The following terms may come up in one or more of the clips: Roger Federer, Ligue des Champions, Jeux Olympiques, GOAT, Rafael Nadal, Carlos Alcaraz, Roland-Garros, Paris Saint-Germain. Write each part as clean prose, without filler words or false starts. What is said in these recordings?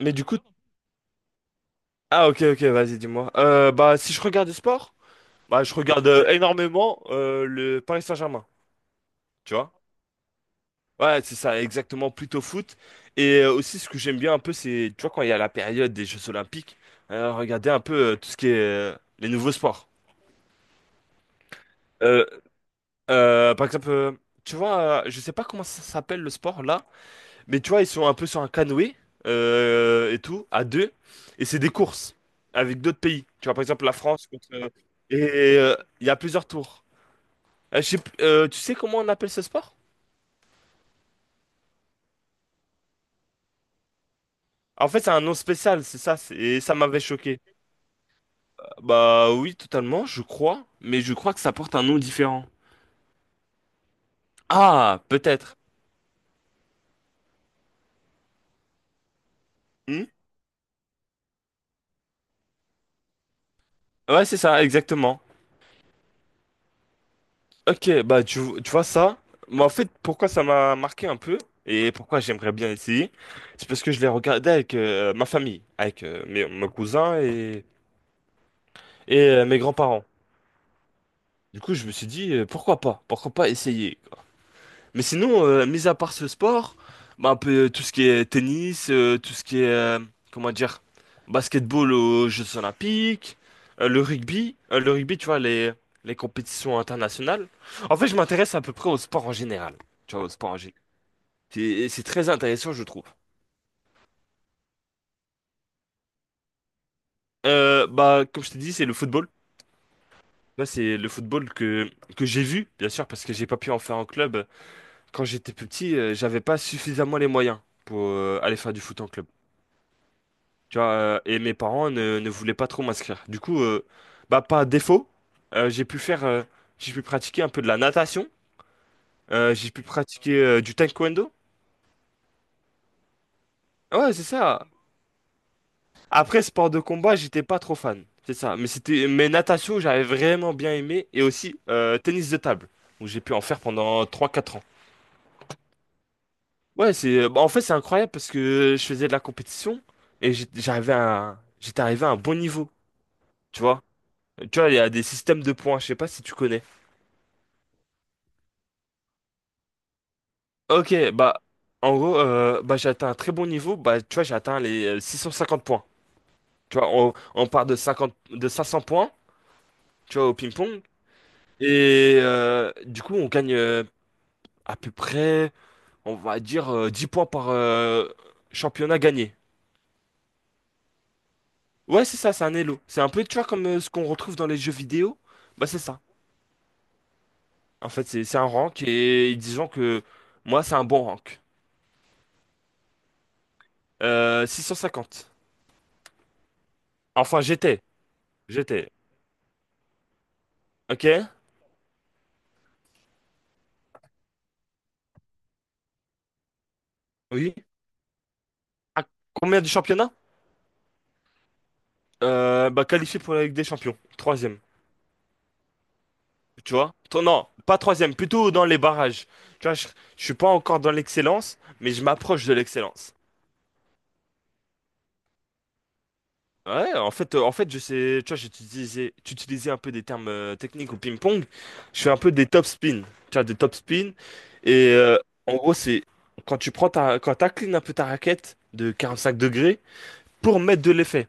Mais du coup, ah ok ok vas-y dis-moi. Bah si je regarde du sport, bah je regarde énormément le Paris Saint-Germain, tu vois. Ouais c'est ça exactement plutôt foot. Et aussi ce que j'aime bien un peu c'est tu vois quand il y a la période des Jeux Olympiques, regarder un peu tout ce qui est les nouveaux sports. Euh, par exemple, tu vois, je sais pas comment ça s'appelle le sport là, mais tu vois, ils sont un peu sur un canoë et tout, à deux. Et c'est des courses avec d'autres pays. Tu vois, par exemple, la France contre, et il y a plusieurs tours. Tu sais comment on appelle ce sport? En fait, c'est un nom spécial, c'est ça. Et ça m'avait choqué. Bah oui, totalement, je crois. Mais je crois que ça porte un nom différent. Ah, peut-être. Hmm. Ouais, c'est ça, exactement. Ok, bah tu vois ça, moi en fait pourquoi ça m'a marqué un peu et pourquoi j'aimerais bien essayer, c'est parce que je l'ai regardé avec ma famille, avec mes cousins et, mes grands-parents. Du coup je me suis dit pourquoi pas essayer. Mais sinon, mis à part ce sport, bah, un peu tout ce qui est tennis, tout ce qui est, comment dire, basketball aux Jeux Olympiques, le rugby, tu vois, les compétitions internationales. En fait, je m'intéresse à peu près au sport en général. Tu vois, au sport en général. C'est très intéressant, je trouve. Bah, comme je t'ai dit, c'est le football. Là, c'est le football que j'ai vu, bien sûr, parce que j'ai pas pu en faire en club. Quand j'étais plus petit, j'avais pas suffisamment les moyens pour aller faire du foot en club. Tu vois, et mes parents ne voulaient pas trop m'inscrire. Du coup, bah, pas défaut, euh, j'ai pu faire, euh, j'ai pu pratiquer un peu de la natation, j'ai pu pratiquer du taekwondo. Ouais, c'est ça. Après, sport de combat, j'étais pas trop fan. C'est ça. Mais natation, j'avais vraiment bien aimé. Et aussi, tennis de table, où j'ai pu en faire pendant trois quatre ans. Ouais, bah, en fait, c'est incroyable parce que je faisais de la compétition et j'étais arrivé à un bon niveau. Tu vois. Tu vois, il y a des systèmes de points, je sais pas si tu connais. Ok, bah, en gros, bah, j'ai atteint un très bon niveau. Bah, tu vois, j'ai atteint les 650 points. Tu vois, on part de 50 de 500 points, tu vois, au ping-pong. Et du coup, on gagne à peu près, on va dire, 10 points par championnat gagné. Ouais, c'est ça, c'est un elo. C'est un peu, tu vois, comme ce qu'on retrouve dans les jeux vidéo. Bah, c'est ça. En fait, c'est un rank et disons que moi, c'est un bon rank. 650. Enfin, j'étais. J'étais. Ok? Oui? À combien de championnats? Bah, qualifié pour la Ligue des Champions. Troisième. Tu vois? Non, pas troisième, plutôt dans les barrages. Tu vois, je suis pas encore dans l'excellence, mais je m'approche de l'excellence. Ouais, en fait, je sais, tu vois, j'utilisais un peu des termes techniques au ping-pong. Je fais un peu des top spin. Tu vois, des top spin. Et en gros, c'est quand t'inclines un peu ta raquette de 45 degrés pour mettre de l'effet.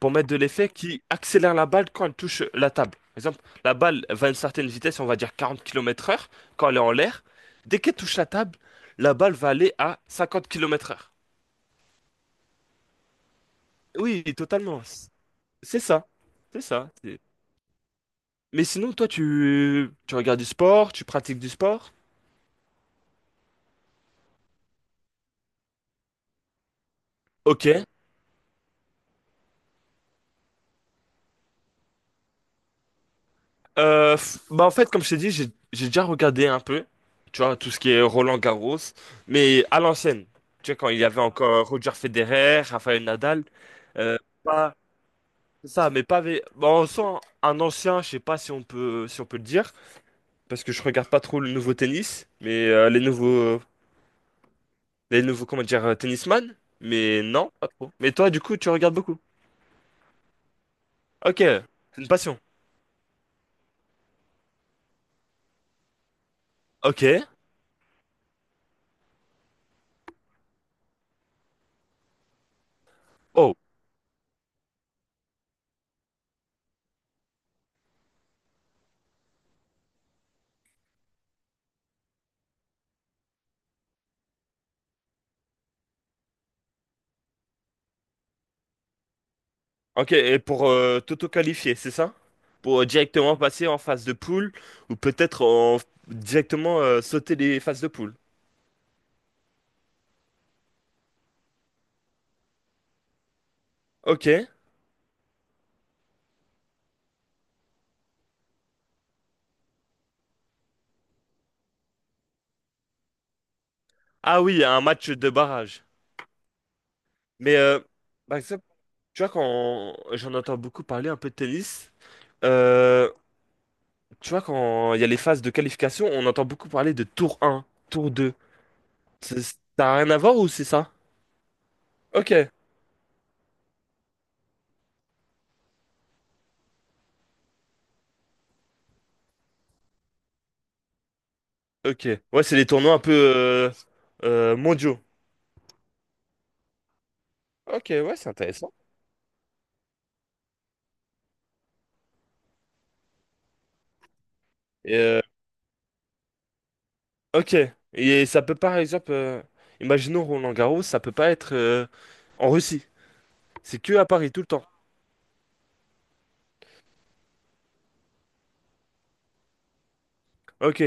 pour mettre de l'effet qui accélère la balle quand elle touche la table. Par exemple, la balle va à une certaine vitesse, on va dire 40 km/h, quand elle est en l'air. Dès qu'elle touche la table, la balle va aller à 50 km/h. Oui, totalement. C'est ça. C'est ça. Mais sinon, toi, tu regardes du sport, tu pratiques du sport? Ok. Bah en fait, comme je t'ai dit, j'ai déjà regardé un peu, tu vois, tout ce qui est Roland-Garros, mais à l'ancienne. Tu vois, quand il y avait encore Roger Federer, Rafael Nadal, euh, pas- c'est ça, mais pas. Vé- bon, on sent un ancien, je sais pas si on peut, le dire, parce que je regarde pas trop le nouveau tennis, mais les nouveaux, comment dire, tennisman, mais non, pas trop. Mais toi, du coup, tu regardes beaucoup. Ok, c'est une passion. Ok. Oh, ok. Et pour t'auto-qualifier, c'est ça? Pour directement passer en phase de poule, ou peut-être en, directement sauter les phases de poule. Ok. Ah oui, un match de barrage. Mais par tu vois, quand j'en entends beaucoup parler un peu de tennis, euh, tu vois, quand il y a les phases de qualification, on entend beaucoup parler de tour un, tour 2. Ça n'a rien à voir ou c'est ça? Ok, ok. Ouais, c'est les tournois un peu mondiaux. Ok, ouais, c'est intéressant. Et, ok. Et ça peut pas, par exemple, imaginons Roland-Garros, ça peut pas être en Russie. C'est que à Paris tout le temps. Ok,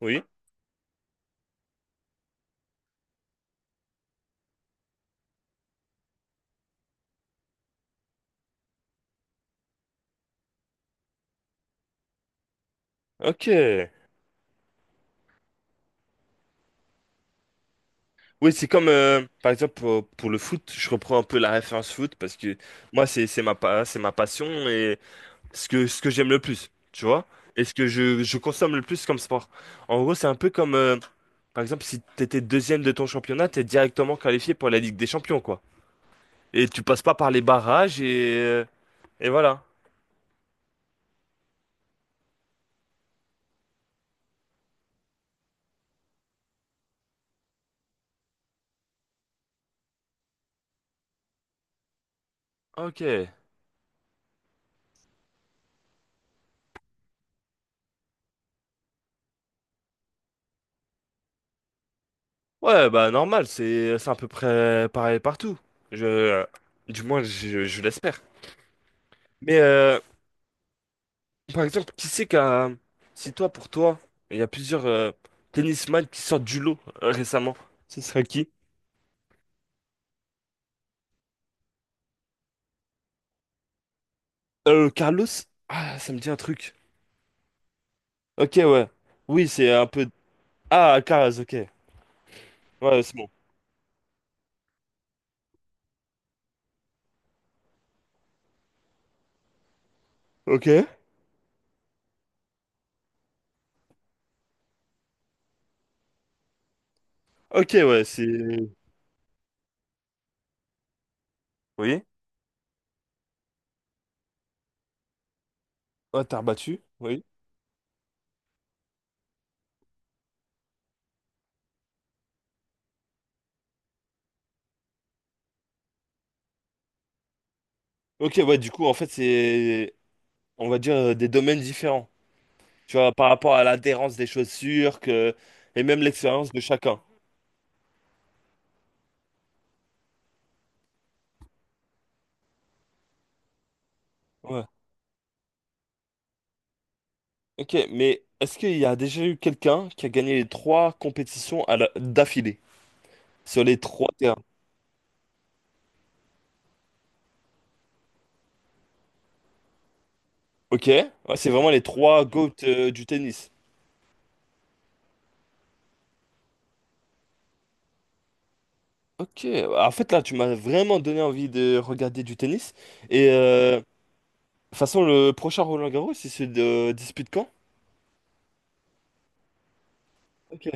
oui. Ok. Oui, c'est comme, par exemple, pour le foot, je reprends un peu la référence foot parce que moi, c'est ma passion et ce que j'aime le plus, tu vois? Et ce que je consomme le plus comme sport. En gros, c'est un peu comme, par exemple, si t'étais deuxième de ton championnat, t'es directement qualifié pour la Ligue des Champions, quoi. Et tu passes pas par les barrages et voilà. Ok. Ouais, bah normal, c'est à peu près pareil partout. Je, du moins, je l'espère. Mais par exemple, qui c'est qu'un. Si toi, pour toi, il y a plusieurs tennisman qui sortent du lot récemment, ce serait qui? Carlos? Ah, ça me dit un truc. Ok, ouais. Oui, c'est un peu. Ah, Alcaraz, ok. Ouais, c'est bon. Ok. Ok, ouais, c'est. Oui. Ouais, t'as rebattu. Oui. Ok, ouais, du coup, en fait, c'est. On va dire des domaines différents. Tu vois, par rapport à l'adhérence des chaussures que, et même l'expérience de chacun. Ouais. Ok, mais est-ce qu'il y a déjà eu quelqu'un qui a gagné les trois compétitions d'affilée sur les trois terrains? Ok, ouais, c'est vraiment les trois GOAT du tennis. Ok, en fait là, tu m'as vraiment donné envie de regarder du tennis. Et de toute façon, le prochain Roland Garros, il se dispute quand? Ok.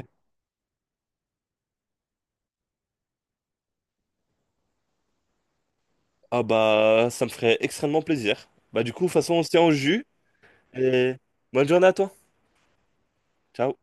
Ah bah, ça me ferait extrêmement plaisir. Bah du coup, de toute façon, on se tient au jus. Et bonne journée à toi. Ciao.